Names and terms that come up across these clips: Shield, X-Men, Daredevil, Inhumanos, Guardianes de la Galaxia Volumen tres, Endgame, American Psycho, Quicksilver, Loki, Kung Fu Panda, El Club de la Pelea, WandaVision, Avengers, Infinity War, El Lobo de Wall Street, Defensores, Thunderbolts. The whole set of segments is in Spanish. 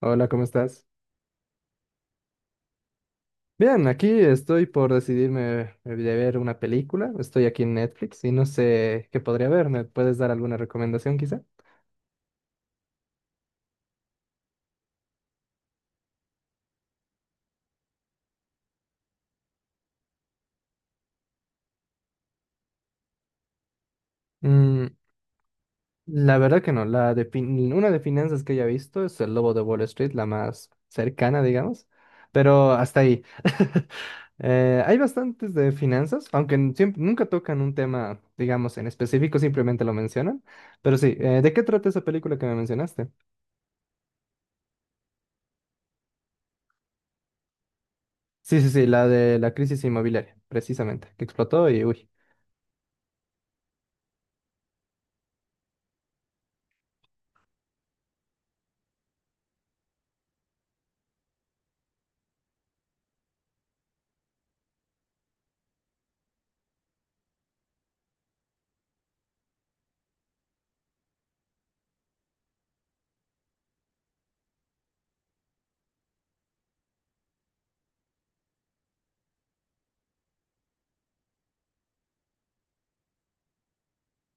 Hola, ¿cómo estás? Bien, aquí estoy por decidirme de ver una película. Estoy aquí en Netflix y no sé qué podría ver. ¿Me puedes dar alguna recomendación quizá? Mm. La verdad que no. Una de finanzas que haya visto es El Lobo de Wall Street, la más cercana, digamos. Pero hasta ahí. Hay bastantes de finanzas, aunque nunca tocan un tema, digamos, en específico, simplemente lo mencionan. Pero sí, ¿de qué trata esa película que me mencionaste? Sí, sí, sí, la de la crisis inmobiliaria, precisamente, que explotó y uy.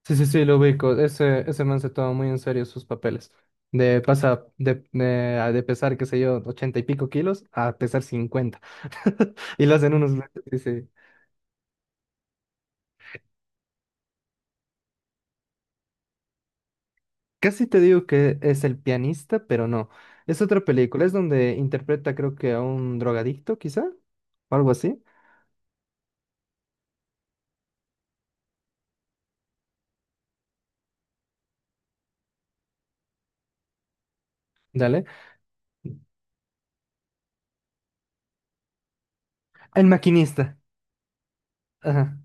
Sí, sí, sí, lo ubico. Ese man se toma muy en serio sus papeles. De pasa a de pesar, qué sé yo, 80 y pico kilos a pesar 50. Y lo hacen unos lentes, sí, sí. Casi te digo que es el pianista, pero no. Es otra película, es donde interpreta creo que a un drogadicto, quizá, o algo así. Dale. El maquinista. Ajá.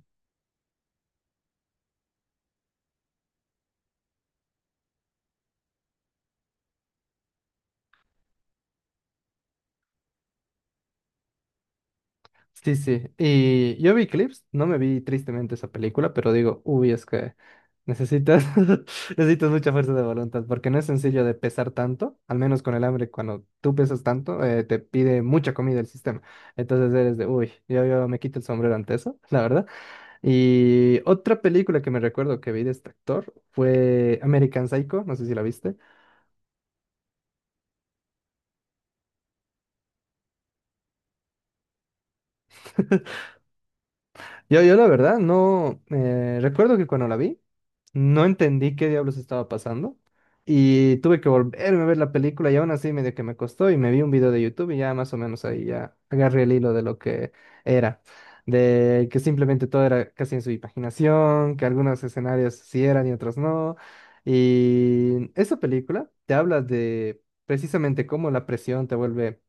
Sí, sí. Y yo vi clips, no me vi tristemente esa película, pero digo, uy, es que necesitas, necesitas mucha fuerza de voluntad, porque no es sencillo de pesar tanto, al menos con el hambre, cuando tú pesas tanto, te pide mucha comida el sistema. Entonces eres de, uy, yo me quito el sombrero ante eso, la verdad. Y otra película que me recuerdo que vi de este actor fue American Psycho, no sé si la viste. Yo, la verdad, no. Eh, recuerdo que cuando la vi no entendí qué diablos estaba pasando y tuve que volverme a ver la película, y aún así medio que me costó, y me vi un video de YouTube, y ya más o menos ahí ya agarré el hilo de lo que era, de que simplemente todo era casi en su imaginación, que algunos escenarios sí eran y otros no. Y esa película te habla de precisamente cómo la presión te vuelve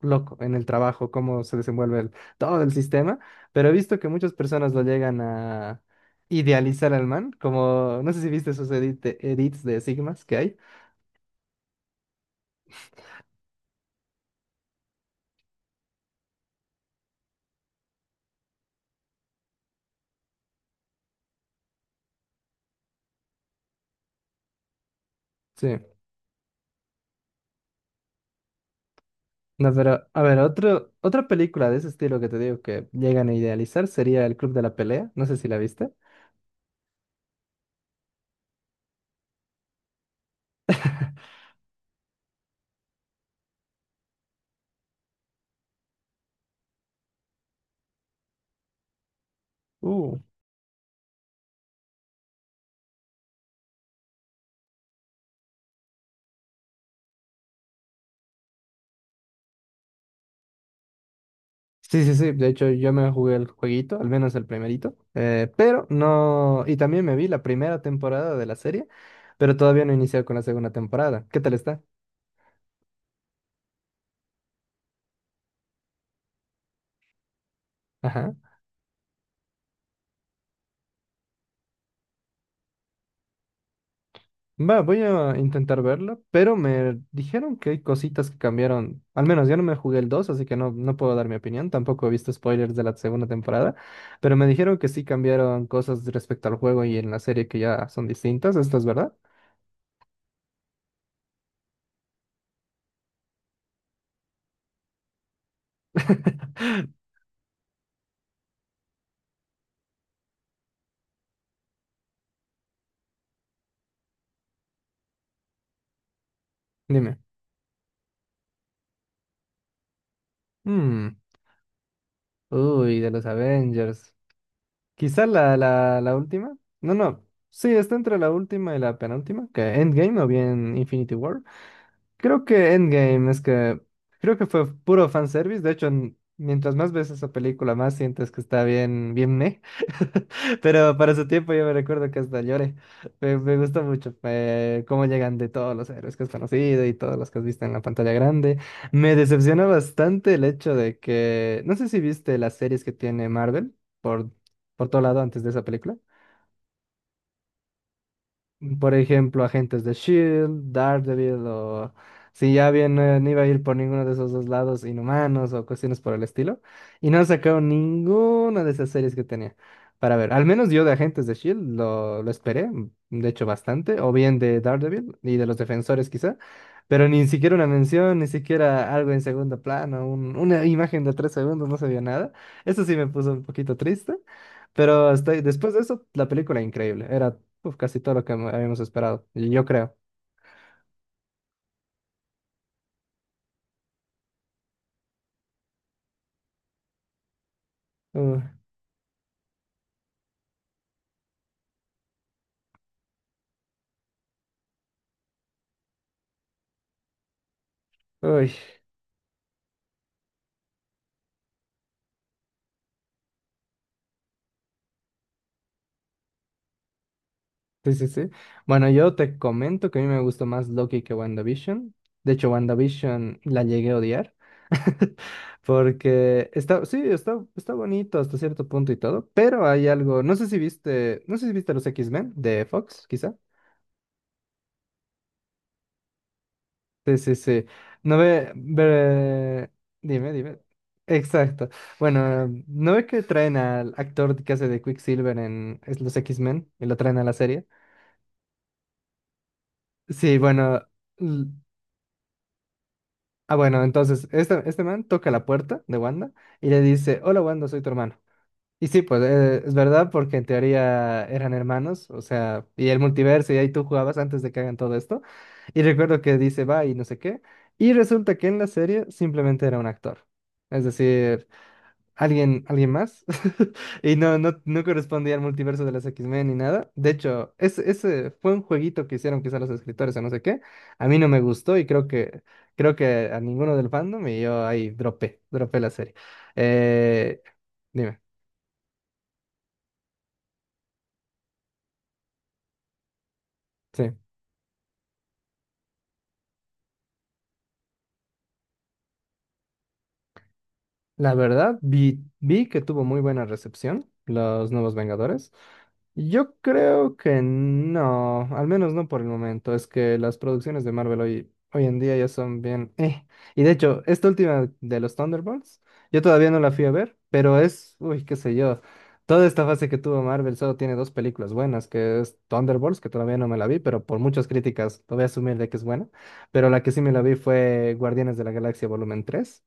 loco en el trabajo, cómo se desenvuelve todo el sistema, pero he visto que muchas personas lo llegan a idealizar al man, como no sé si viste esos edits de Sigmas que hay. Sí. No, pero a ver, otra película de ese estilo que te digo que llegan a idealizar sería El Club de la Pelea, no sé si la viste. Uh. Sí, sí, sí. De hecho, yo me jugué el jueguito, al menos el primerito. Pero no. Y también me vi la primera temporada de la serie, pero todavía no he iniciado con la segunda temporada. ¿Qué tal está? Ajá. Va, voy a intentar verla, pero me dijeron que hay cositas que cambiaron. Al menos yo no me jugué el dos, así que no, no puedo dar mi opinión. Tampoco he visto spoilers de la segunda temporada, pero me dijeron que sí cambiaron cosas respecto al juego y en la serie que ya son distintas. ¿Esto es verdad? Dime. Mm. Uy, de los Avengers. Quizá la última. No, no. Sí, está entre la última y la penúltima, que Endgame o bien Infinity War. Creo que Endgame, es que creo que fue puro fanservice. De hecho, mientras más ves esa película, más sientes que está bien, bien meh. Pero para su tiempo yo me recuerdo que hasta lloré. Me gusta mucho, cómo llegan de todos los héroes que has conocido y todos los que has visto en la pantalla grande. Me decepciona bastante el hecho de que, no sé si viste las series que tiene Marvel por, por todo lado antes de esa película. Por ejemplo, agentes de Shield, Daredevil, o si ya bien, no iba a ir por ninguno de esos dos lados, Inhumanos o cuestiones por el estilo. Y no sacaron ninguna de esas series que tenía. Para ver, al menos yo de agentes de Shield lo esperé, de hecho bastante, o bien de Daredevil y de los defensores quizá, pero ni siquiera una mención, ni siquiera algo en segundo plano, una imagen de 3 segundos, no se vio nada. Eso sí me puso un poquito triste. Pero estoy, después de eso, la película increíble. Era casi todo lo que habíamos esperado, y yo creo. Uh, Uy, sí, sí, sí. Bueno, yo te comento que a mí me gustó más Loki que WandaVision. De hecho, WandaVision la llegué a odiar. Porque está, sí, está bonito hasta cierto punto y todo, pero hay algo, no sé si viste los X-Men de Fox, quizá. Sí, sí, sí. No ve, ve- Dime, dime. Exacto. Bueno, ¿no ve que traen al actor que hace de Quicksilver en los X-Men y lo traen a la serie? Sí, bueno. l- Ah, bueno, entonces, este man toca la puerta de Wanda y le dice: Hola, Wanda, soy tu hermano. Y sí, pues es verdad, porque en teoría eran hermanos, o sea, y el multiverso, y ahí tú jugabas antes de que hagan todo esto. Y recuerdo que dice va y no sé qué. Y resulta que en la serie simplemente era un actor. Es decir, alguien, alguien más. Y no, no, no correspondía al multiverso de las X-Men ni nada. De hecho, ese fue un jueguito que hicieron quizá los escritores o no sé qué. A mí no me gustó y creo que a ninguno del fandom, y yo ahí dropé la serie. Eh, Dime. Sí. La verdad, vi que tuvo muy buena recepción los nuevos Vengadores. Yo creo que no, al menos no por el momento. Es que las producciones de Marvel hoy en día ya son bien, Y de hecho, esta última de los Thunderbolts, yo todavía no la fui a ver, pero es, uy, qué sé yo. Toda esta fase que tuvo Marvel solo tiene dos películas buenas, que es Thunderbolts, que todavía no me la vi, pero por muchas críticas lo voy a asumir de que es buena. Pero la que sí me la vi fue Guardianes de la Galaxia Volumen 3.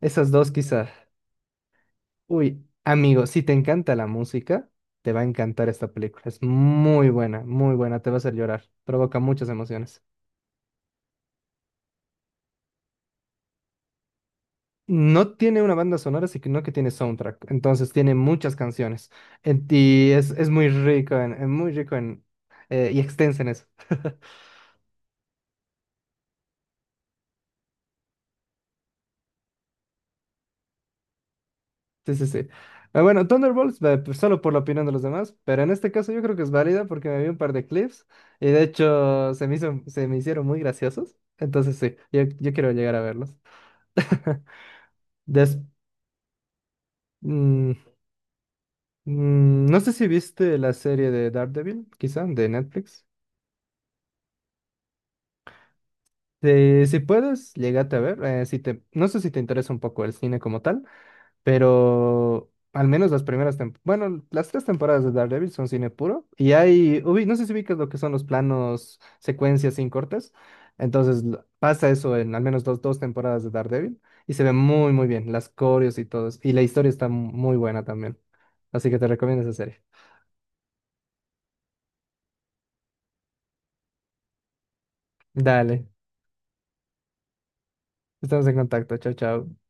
Esas dos quizá. Uy, amigo, si te encanta la música, te va a encantar esta película. Es muy buena, te va a hacer llorar, provoca muchas emociones. No tiene una banda sonora, sino que tiene soundtrack, entonces tiene muchas canciones. En ti es muy rico, muy rico en, y extensa en eso. Sí, sí, sí. Ah, bueno, Thunderbolts, pues, solo por la opinión de los demás, pero en este caso yo creo que es válida porque me vi un par de clips y de hecho se me hizo, se me hicieron muy graciosos, entonces sí, yo quiero llegar a verlos. Des- mm, no sé si viste la serie de Daredevil, quizá, de Netflix. Si puedes, llégate a ver. No sé si te interesa un poco el cine como tal, pero al menos las primeras temporadas, bueno, las tres temporadas de Daredevil son cine puro. Y hay, no sé si ubicas lo que son los planos, secuencias sin cortes. Entonces pasa eso en al menos dos temporadas de Daredevil y se ve muy, muy bien, las coreos y todo eso. Y la historia está muy buena también. Así que te recomiendo esa serie. Dale. Estamos en contacto. Chao, chao.